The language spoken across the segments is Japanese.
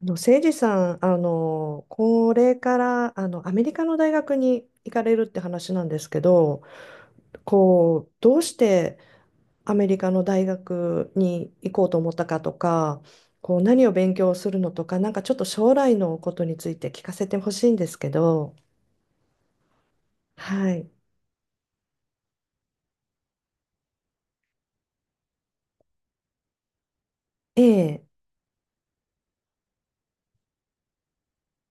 誠司さん、これから、アメリカの大学に行かれるって話なんですけど、どうしてアメリカの大学に行こうと思ったかとか、何を勉強するのとか、なんかちょっと将来のことについて聞かせてほしいんですけど。はい。ええ、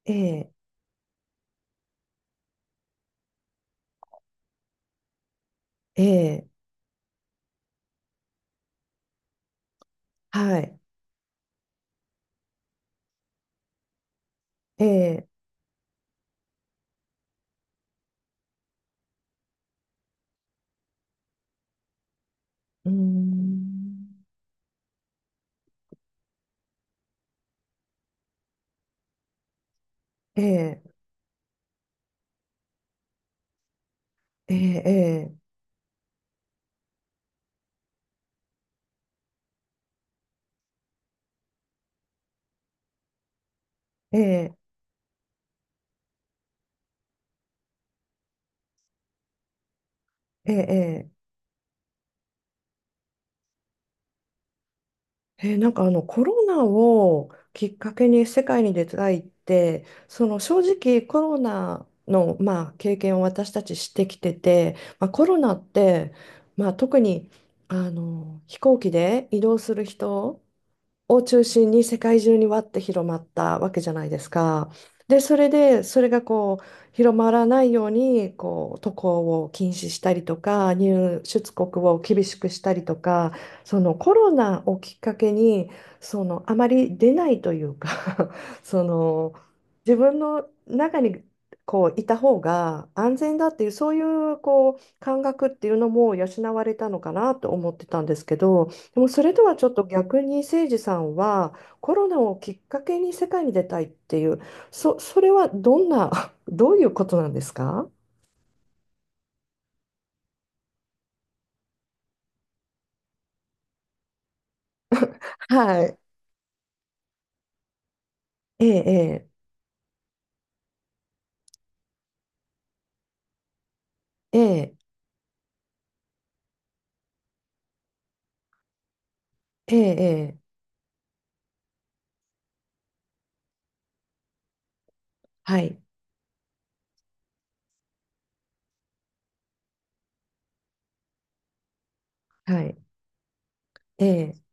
ええ、ええ、はい。ええ、うーん、ええ、ええ、ええ、ええ、ええ、ええー、なんかコロナをきっかけに世界に出たいって、正直コロナの、まあ、経験を私たちしてきてて、まあ、コロナって、まあ、特に飛行機で移動する人を中心に世界中にわって広まったわけじゃないですか。で、それで、それが広まらないように、渡航を禁止したりとか、入出国を厳しくしたりとか、そのコロナをきっかけに、あまり出ないというか その、自分の中に、こういた方が安全だっていう、そういう感覚っていうのも養われたのかなと思ってたんですけど、でもそれとはちょっと逆に、誠司さんはコロナをきっかけに世界に出たいっていう、それはどんな、どういうことなんですか？はい。ええ、ええ、ええ、ええ、はい、はい、ええ、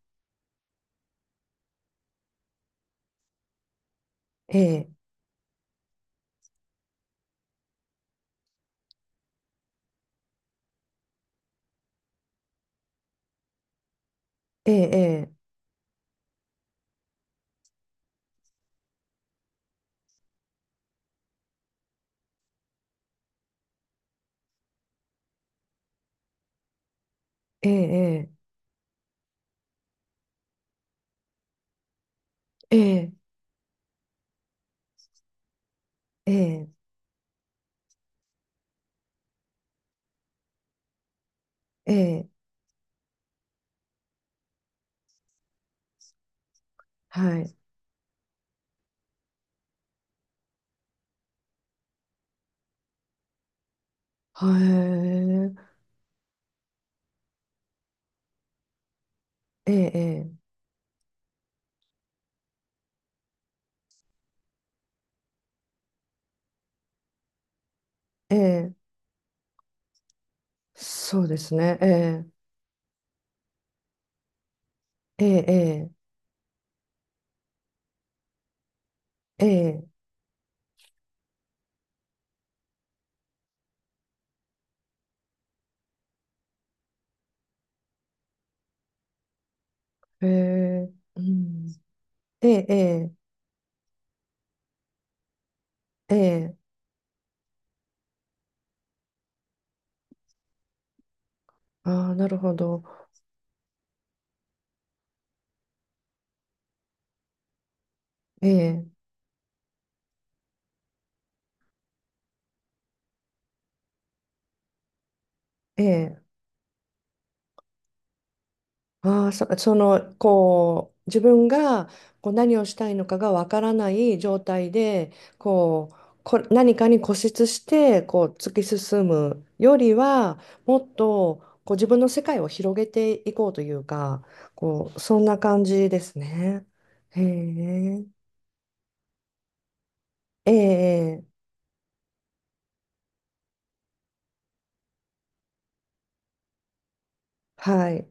ええ、ええ、ええ、ええ、ええ、ええ、はい、はい、ええ、ええ、ええ、そうですね、ええ、ええ、ええ、ええ、うん、ええ、ええ、ええ、ああ、なるほど。ええ、ええ。ああ、その、自分が何をしたいのかがわからない状態で、何かに固執して、突き進むよりは、もっと、自分の世界を広げていこうというか、そんな感じですね。へえ、ええ、ええ、はい、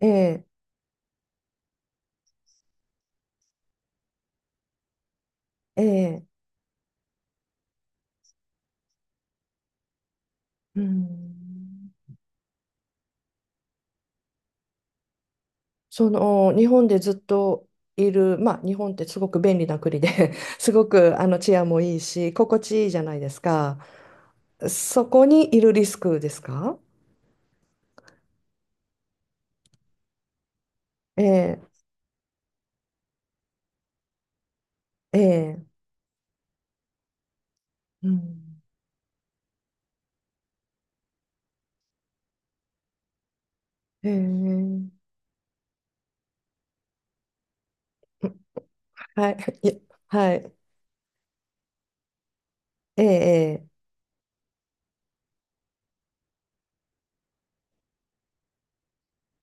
ええ、ええ、うん。その日本でずっといる、まあ、日本ってすごく便利な国で すごく治安もいいし心地いいじゃないですか。そこにいるリスクですか？ええ、ええ、うん、ええ、はい、いや、はい、ええ、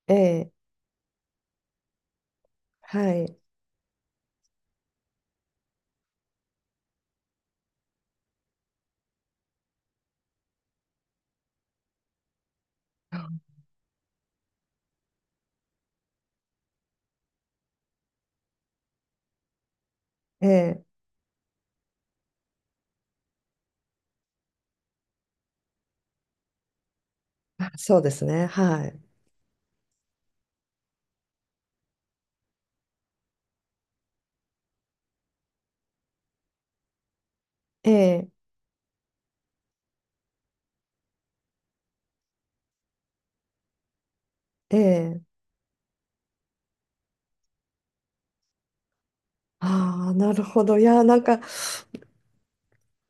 ええ、ええ、はい、ええ、あ、そうですね、はい、ええ、ええ、ああー、なるほど、いや、なんか。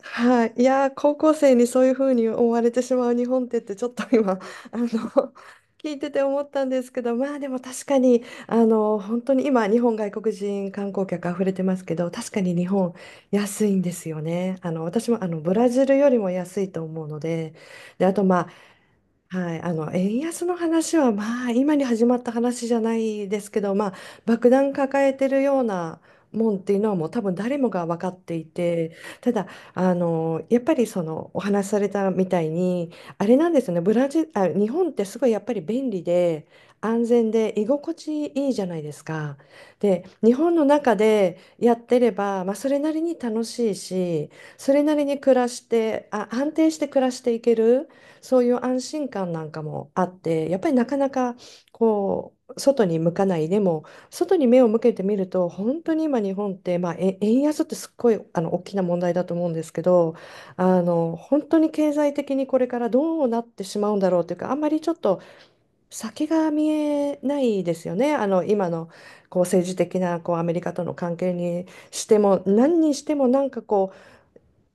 はい、いやー、高校生にそういうふうに思われてしまう日本ってちょっと今あの 聞いてて思ったんですけど、まあでも確かに、本当に今日本、外国人観光客あふれてますけど、確かに日本安いんですよね。私もブラジルよりも安いと思うので、で、あと、まあ、はい。円安の話は、まあ、今に始まった話じゃないですけど、まあ、爆弾抱えてるようなもんっていうのはもう多分誰もが分かっていて、ただやっぱり、そのお話しされたみたいに、あれなんですよね。ブラジル、あ、日本ってすごいやっぱり便利で安全で居心地いいじゃないですか。で、日本の中でやってれば、まあ、それなりに楽しいし、それなりに暮らして、あ、安定して暮らしていける。そういう安心感なんかもあって、やっぱりなかなか外に向かない。でも、外に目を向けてみると、本当に今日本って、まあ、円安ってすっごい大きな問題だと思うんですけど、本当に経済的にこれからどうなってしまうんだろうというか、あんまりちょっと先が見えないですよね。今の政治的なアメリカとの関係にしても、何にしてもなんかこ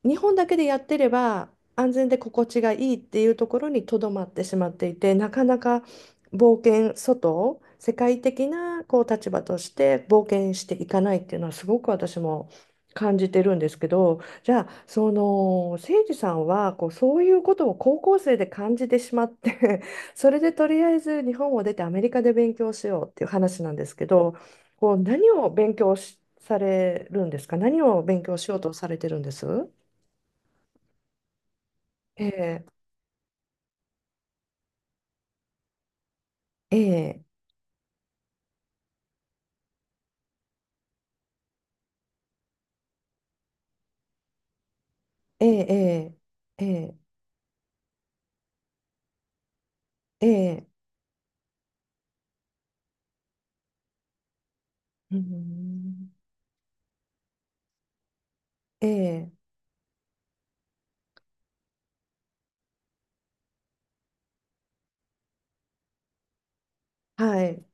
う日本だけでやってれば安全で心地がいいっていうところにとどまってしまっていて、なかなか冒険、外世界的な立場として冒険していかないっていうのはすごく私も感じてるんですけど、じゃあ、その誠司さんはそういうことを高校生で感じてしまって それでとりあえず日本を出てアメリカで勉強しようっていう話なんですけど、何を勉強しされるんですか。何を勉強しようとされてるんです？ええ、ええ、ええ、ええ、ええ、うん、ええ、はい、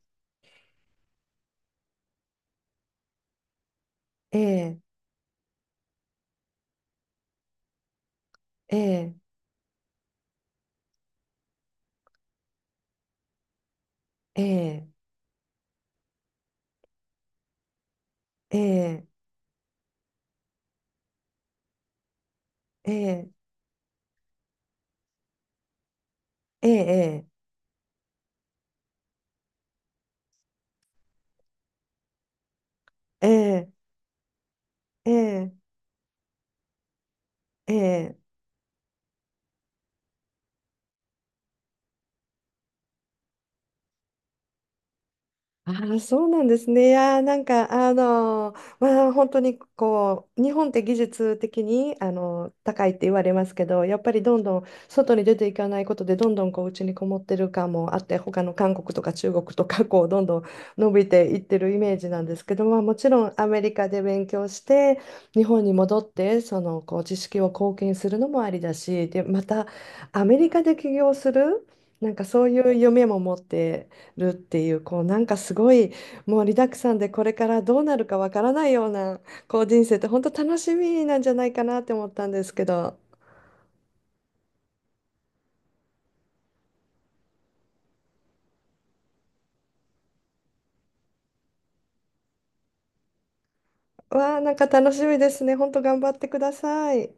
ええ、ええ、ええ、ええ、ええ、ええ、ええ、ええ、ええ。ああ、そうなんですね。いやー、なんか、まあ、本当に日本って技術的に、高いって言われますけど、やっぱりどんどん外に出ていかないことで、どんどん家にこもってる感もあって、他の韓国とか中国とか、どんどん伸びていってるイメージなんですけど、まあ、もちろんアメリカで勉強して、日本に戻って、知識を貢献するのもありだし、で、また、アメリカで起業する、なんかそういう夢も持って、るっていう、なんかすごい、もうリダックさんで、これからどうなるかわからないような人生って本当楽しみなんじゃないかなって思ったんですけど、わあ、なんか楽しみですね。本当頑張ってください。